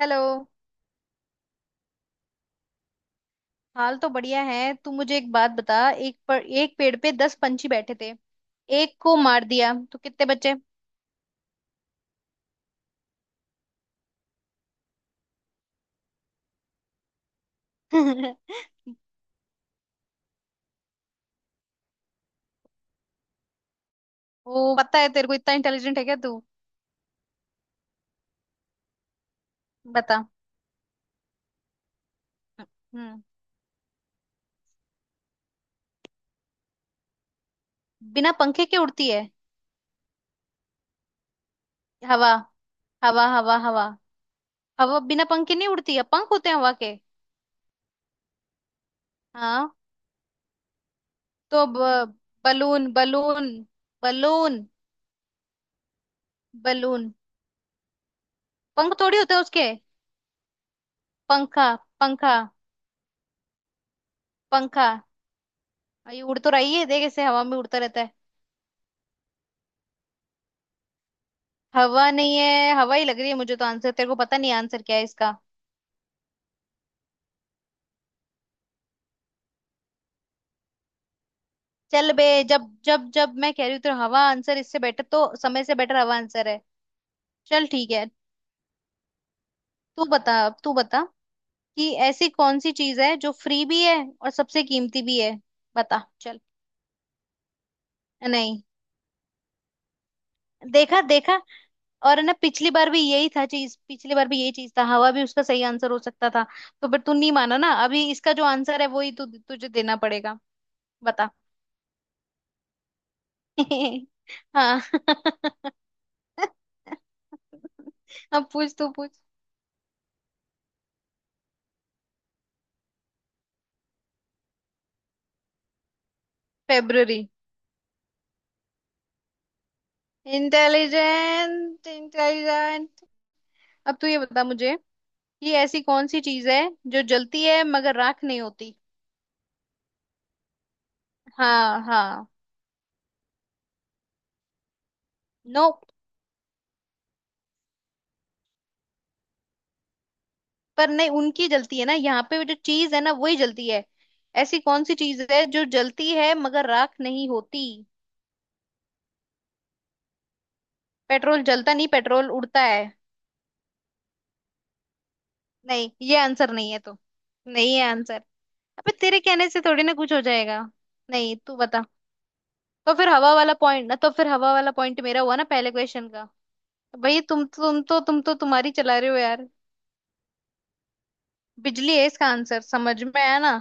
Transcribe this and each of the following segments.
Hello. हाल तो बढ़िया है। तू मुझे एक बात बता। एक पेड़ पे 10 पंछी बैठे थे, एक को मार दिया तो कितने बचे? वो पता है तेरे को, इतना इंटेलिजेंट है क्या तू? बता। हम्म। बिना पंखे के उड़ती है? हवा। हवा, हवा, हवा। हवा बिना पंखे नहीं उड़ती है, पंख होते हैं हवा के। हाँ। तो बलून, बलून, बलून, बलून। पंख थोड़ी होते हैं उसके। पंखा, पंखा, पंखा। ये उड़ तो रही है, देख, ऐसे हवा में उड़ता रहता है। हवा नहीं है? हवा ही लग रही है मुझे। तो आंसर तेरे को पता नहीं, आंसर क्या है इसका? चल बे। जब जब जब मैं कह रही हूँ तो हवा आंसर, इससे बेटर तो, समय से बेटर हवा आंसर है। चल ठीक है। तू बता, अब तू बता कि ऐसी कौन सी चीज है जो फ्री भी है और सबसे कीमती भी है? बता चल। नहीं। देखा देखा। और ना, पिछली बार भी यही था चीज, पिछली बार भी यही चीज था, हवा भी उसका सही आंसर हो सकता था। तो फिर तू नहीं माना ना, अभी इसका जो आंसर है वही तू तुझे देना पड़ेगा। बता। हाँ। अब पूछ, तू पूछ। फेब्ररी। Intelligent, intelligent. अब तू ये बता मुझे कि ऐसी कौन सी चीज है जो जलती है मगर राख नहीं होती? हाँ हाँ। नो। पर नहीं, उनकी जलती है ना, यहाँ पे जो चीज है ना वही जलती है। ऐसी कौन सी चीज है जो जलती है मगर राख नहीं होती? पेट्रोल जलता नहीं, पेट्रोल उड़ता है। नहीं, ये आंसर नहीं है तो। नहीं है आंसर। अबे, तेरे कहने से थोड़ी ना कुछ हो जाएगा। नहीं, तू बता। तो फिर हवा वाला पॉइंट ना, तो फिर हवा वाला पॉइंट मेरा हुआ ना पहले क्वेश्चन का? भाई, तुम तो तुम्हारी चला रहे हो यार। बिजली है इसका आंसर, समझ में आया ना?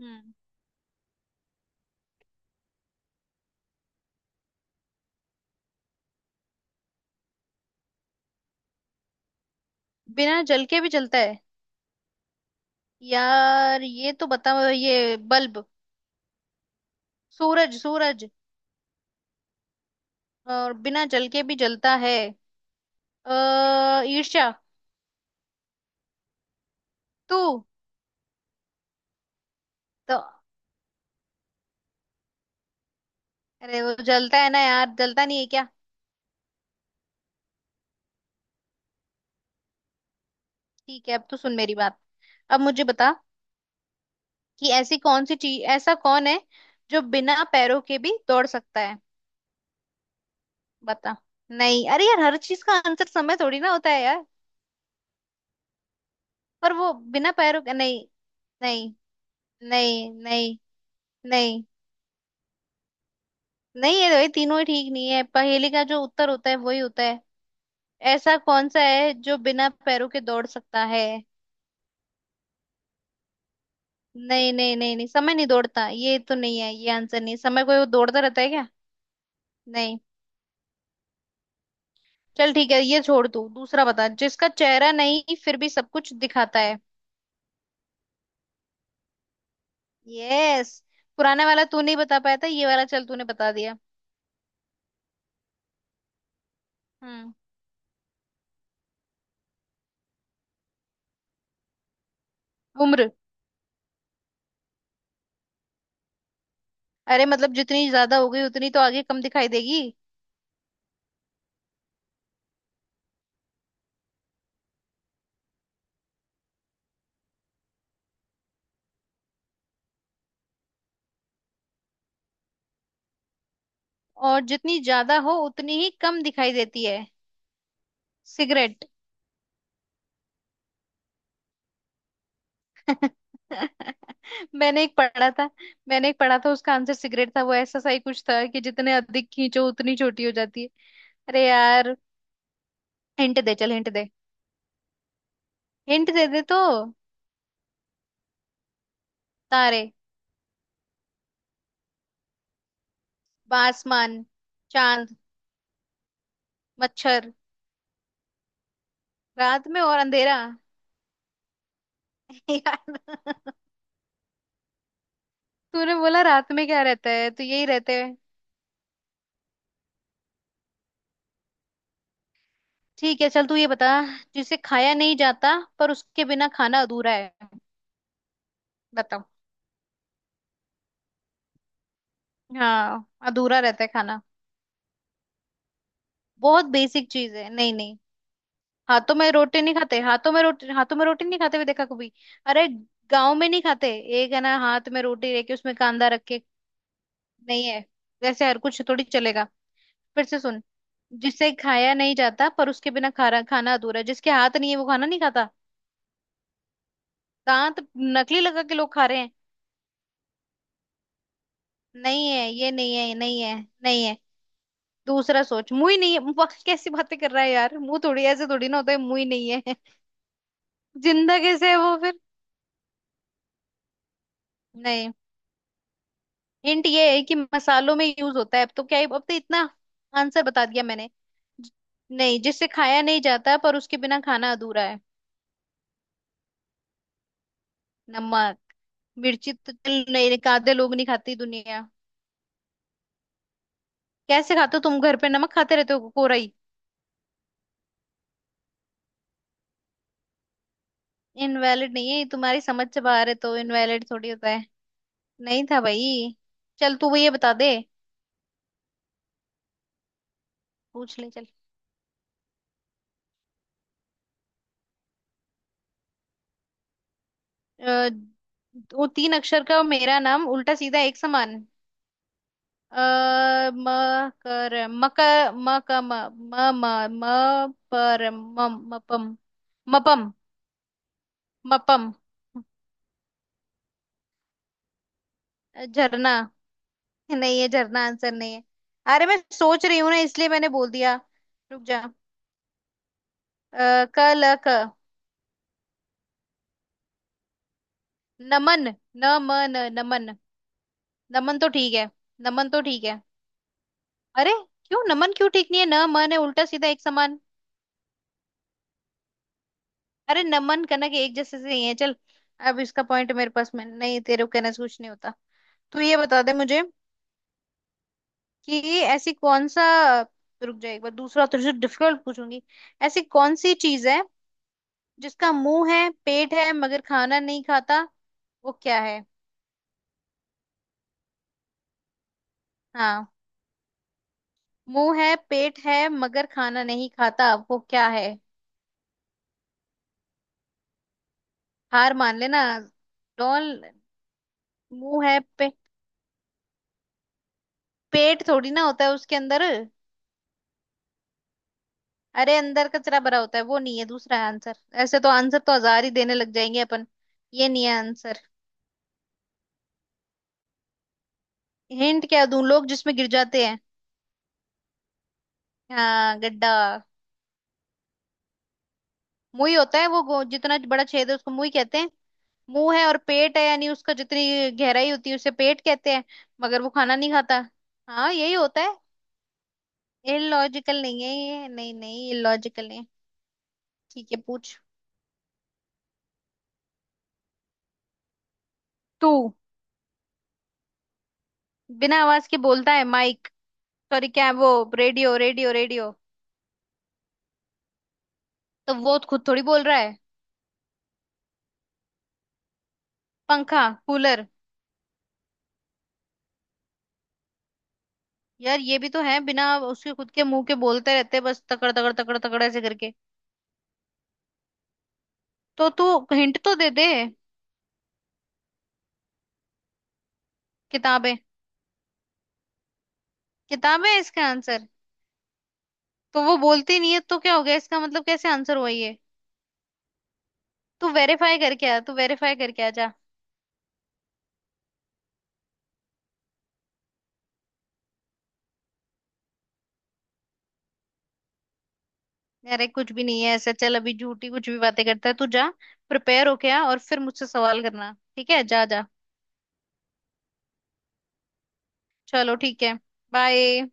हम्म। बिना जल के भी जलता है? यार ये तो बता, ये बल्ब? सूरज, सूरज। और बिना जल के भी जलता है। अः ईर्ष्या? तू? तो अरे वो जलता है ना यार, जलता नहीं है क्या? ठीक है, अब तो सुन मेरी बात। अब मुझे बता कि ऐसी कौन सी चीज ऐसा कौन है जो बिना पैरों के भी दौड़ सकता है? बता। नहीं, अरे यार, हर चीज का आंसर समय थोड़ी ना होता है यार। पर वो बिना पैरों के नहीं नहीं नहीं। नहीं। नहीं। नहीं, ये तीनों ही ठीक नहीं है, पहेली का जो उत्तर होता है वही होता है। ऐसा कौन सा है जो बिना पैरों के दौड़ सकता है? नहीं, नहीं, नहीं, नहीं, समय नहीं दौड़ता, ये तो नहीं है ये आंसर नहीं है। समय कोई वो दौड़ता रहता है क्या? नहीं। चल ठीक है, ये छोड़, तू दूसरा बता। जिसका चेहरा नहीं फिर भी सब कुछ दिखाता है। यस। पुराने वाला तू नहीं बता पाया था, ये वाला चल तूने बता दिया। हम्म। उम्र। अरे मतलब जितनी ज्यादा हो गई उतनी तो आगे कम दिखाई देगी। और जितनी ज्यादा हो उतनी ही कम दिखाई देती है? सिगरेट। मैंने एक पढ़ा था मैंने एक पढ़ा था, उसका आंसर सिगरेट था, वो ऐसा सा ही कुछ था कि जितने अधिक खींचो उतनी छोटी हो जाती है। अरे यार, हिंट दे चल, हिंट दे। हिंट दे, दे तो। तारे। आसमान। चांद। मच्छर। रात में और अंधेरा। यार। तूने बोला रात में क्या रहता है तो यही रहते हैं। ठीक है चल, तू ये बता। जिसे खाया नहीं जाता पर उसके बिना खाना अधूरा है? बताओ। हाँ, अधूरा रहता है खाना। बहुत बेसिक चीज है, नहीं नहीं। हाथों में रोटी नहीं खाते, हाथों में रोटी नहीं खाते हुए देखा कभी? अरे, गांव में नहीं खाते, एक है ना हाथ में रोटी लेके उसमें कांदा रख के। नहीं है। वैसे हर कुछ थोड़ी चलेगा। फिर से सुन। जिसे खाया नहीं जाता पर उसके बिना खाना खाना अधूरा है, जिसके हाथ नहीं है वो खाना नहीं खाता। दांत। नकली लगा के लोग खा रहे हैं। नहीं है, ये नहीं है, ये नहीं है। नहीं है। दूसरा सोच, मुंह ही नहीं है? वाह, कैसी बातें कर रहा है यार, मुंह थोड़ी ऐसे थोड़ी ना होता है, मुंह ही नहीं है। जिंदा कैसे है वो फिर? नहीं। हिंट ये है कि मसालों में यूज होता है, अब तो क्या ही, अब तो इतना आंसर बता दिया मैंने। ज- नहीं, जिससे खाया नहीं जाता पर उसके बिना खाना अधूरा है। नमक। मिर्ची तो चल नहीं, आधे लोग नहीं खाती दुनिया। कैसे खाते हो तुम घर पे, नमक खाते रहते हो कोरा ही? इनवैलिड नहीं है, ये तुम्हारी समझ से बाहर है, तो इनवैलिड थोड़ी होता है। नहीं था भाई। चल, तू वो ये बता दे। पूछ ले चल। अ, वो 3 अक्षर का मेरा नाम उल्टा सीधा एक समान। अ, म, कर, मक, म क म, म म, म, पर मम मपम, मपम, मपम, झरना। नहीं है, झरना आंसर नहीं है। अरे मैं सोच रही हूँ ना, इसलिए मैंने बोल दिया। रुक जा। अ, क ल क, नमन, न म न, नमन। नमन तो ठीक है, नमन तो ठीक है। अरे, क्यों नमन क्यों ठीक नहीं है? न मन है, उल्टा सीधा एक समान। अरे नमन कनक एक जैसे से ही है चल। अब इसका पॉइंट मेरे पास में, नहीं तेरे को कहने से कुछ नहीं होता। तू ये बता दे मुझे कि ऐसी कौन सा, रुक जाए, एक बार दूसरा तुझसे डिफिकल्ट पूछूंगी। ऐसी कौन सी चीज है जिसका मुंह है पेट है मगर खाना नहीं खाता, वो क्या है? हाँ। मुंह है पेट है मगर खाना नहीं खाता वो क्या है? हार मान लेना। डॉल। मुंह है पेट थोड़ी ना होता है उसके अंदर। अरे, अंदर कचरा भरा होता है, वो नहीं है, दूसरा है आंसर। ऐसे तो आंसर तो हजार ही देने लग जाएंगे अपन। ये नहीं है आंसर। हिंट क्या दूं, लोग जिसमें गिर जाते हैं। हाँ गड्ढा। मुंह ही होता है वो, जितना बड़ा छेद है उसको मुंह ही कहते हैं। मुंह है और पेट है, यानी उसका जितनी गहराई होती है उसे पेट कहते हैं। मगर वो खाना नहीं खाता। हाँ यही होता है। इलॉजिकल नहीं है, ये नहीं नहीं इलॉजिकल नहीं है। ठीक है, पूछ। तू। बिना आवाज के बोलता है, माइक? सॉरी क्या है वो? Radio, radio, radio. तो वो खुद थोड़ी बोल रहा है। पंखा, कूलर? यार ये भी तो है, बिना उसके खुद के मुंह के बोलते रहते हैं, बस तकड़ तकड़ तकड़ तकड़ ऐसे करके। तो तू? हिंट तो दे दे। किताबें। किताबें है इसका आंसर? तो वो बोलती नहीं है तो क्या हो गया, इसका मतलब कैसे आंसर हुआ ये? तू वेरीफाई करके आ, तू वेरीफाई करके आ जा। अरे कुछ भी नहीं है ऐसे, चल अभी झूठी कुछ भी बातें करता है तू, जा। प्रिपेयर होके आ और फिर मुझसे सवाल करना, ठीक है, जा जा। चलो ठीक है। बाय।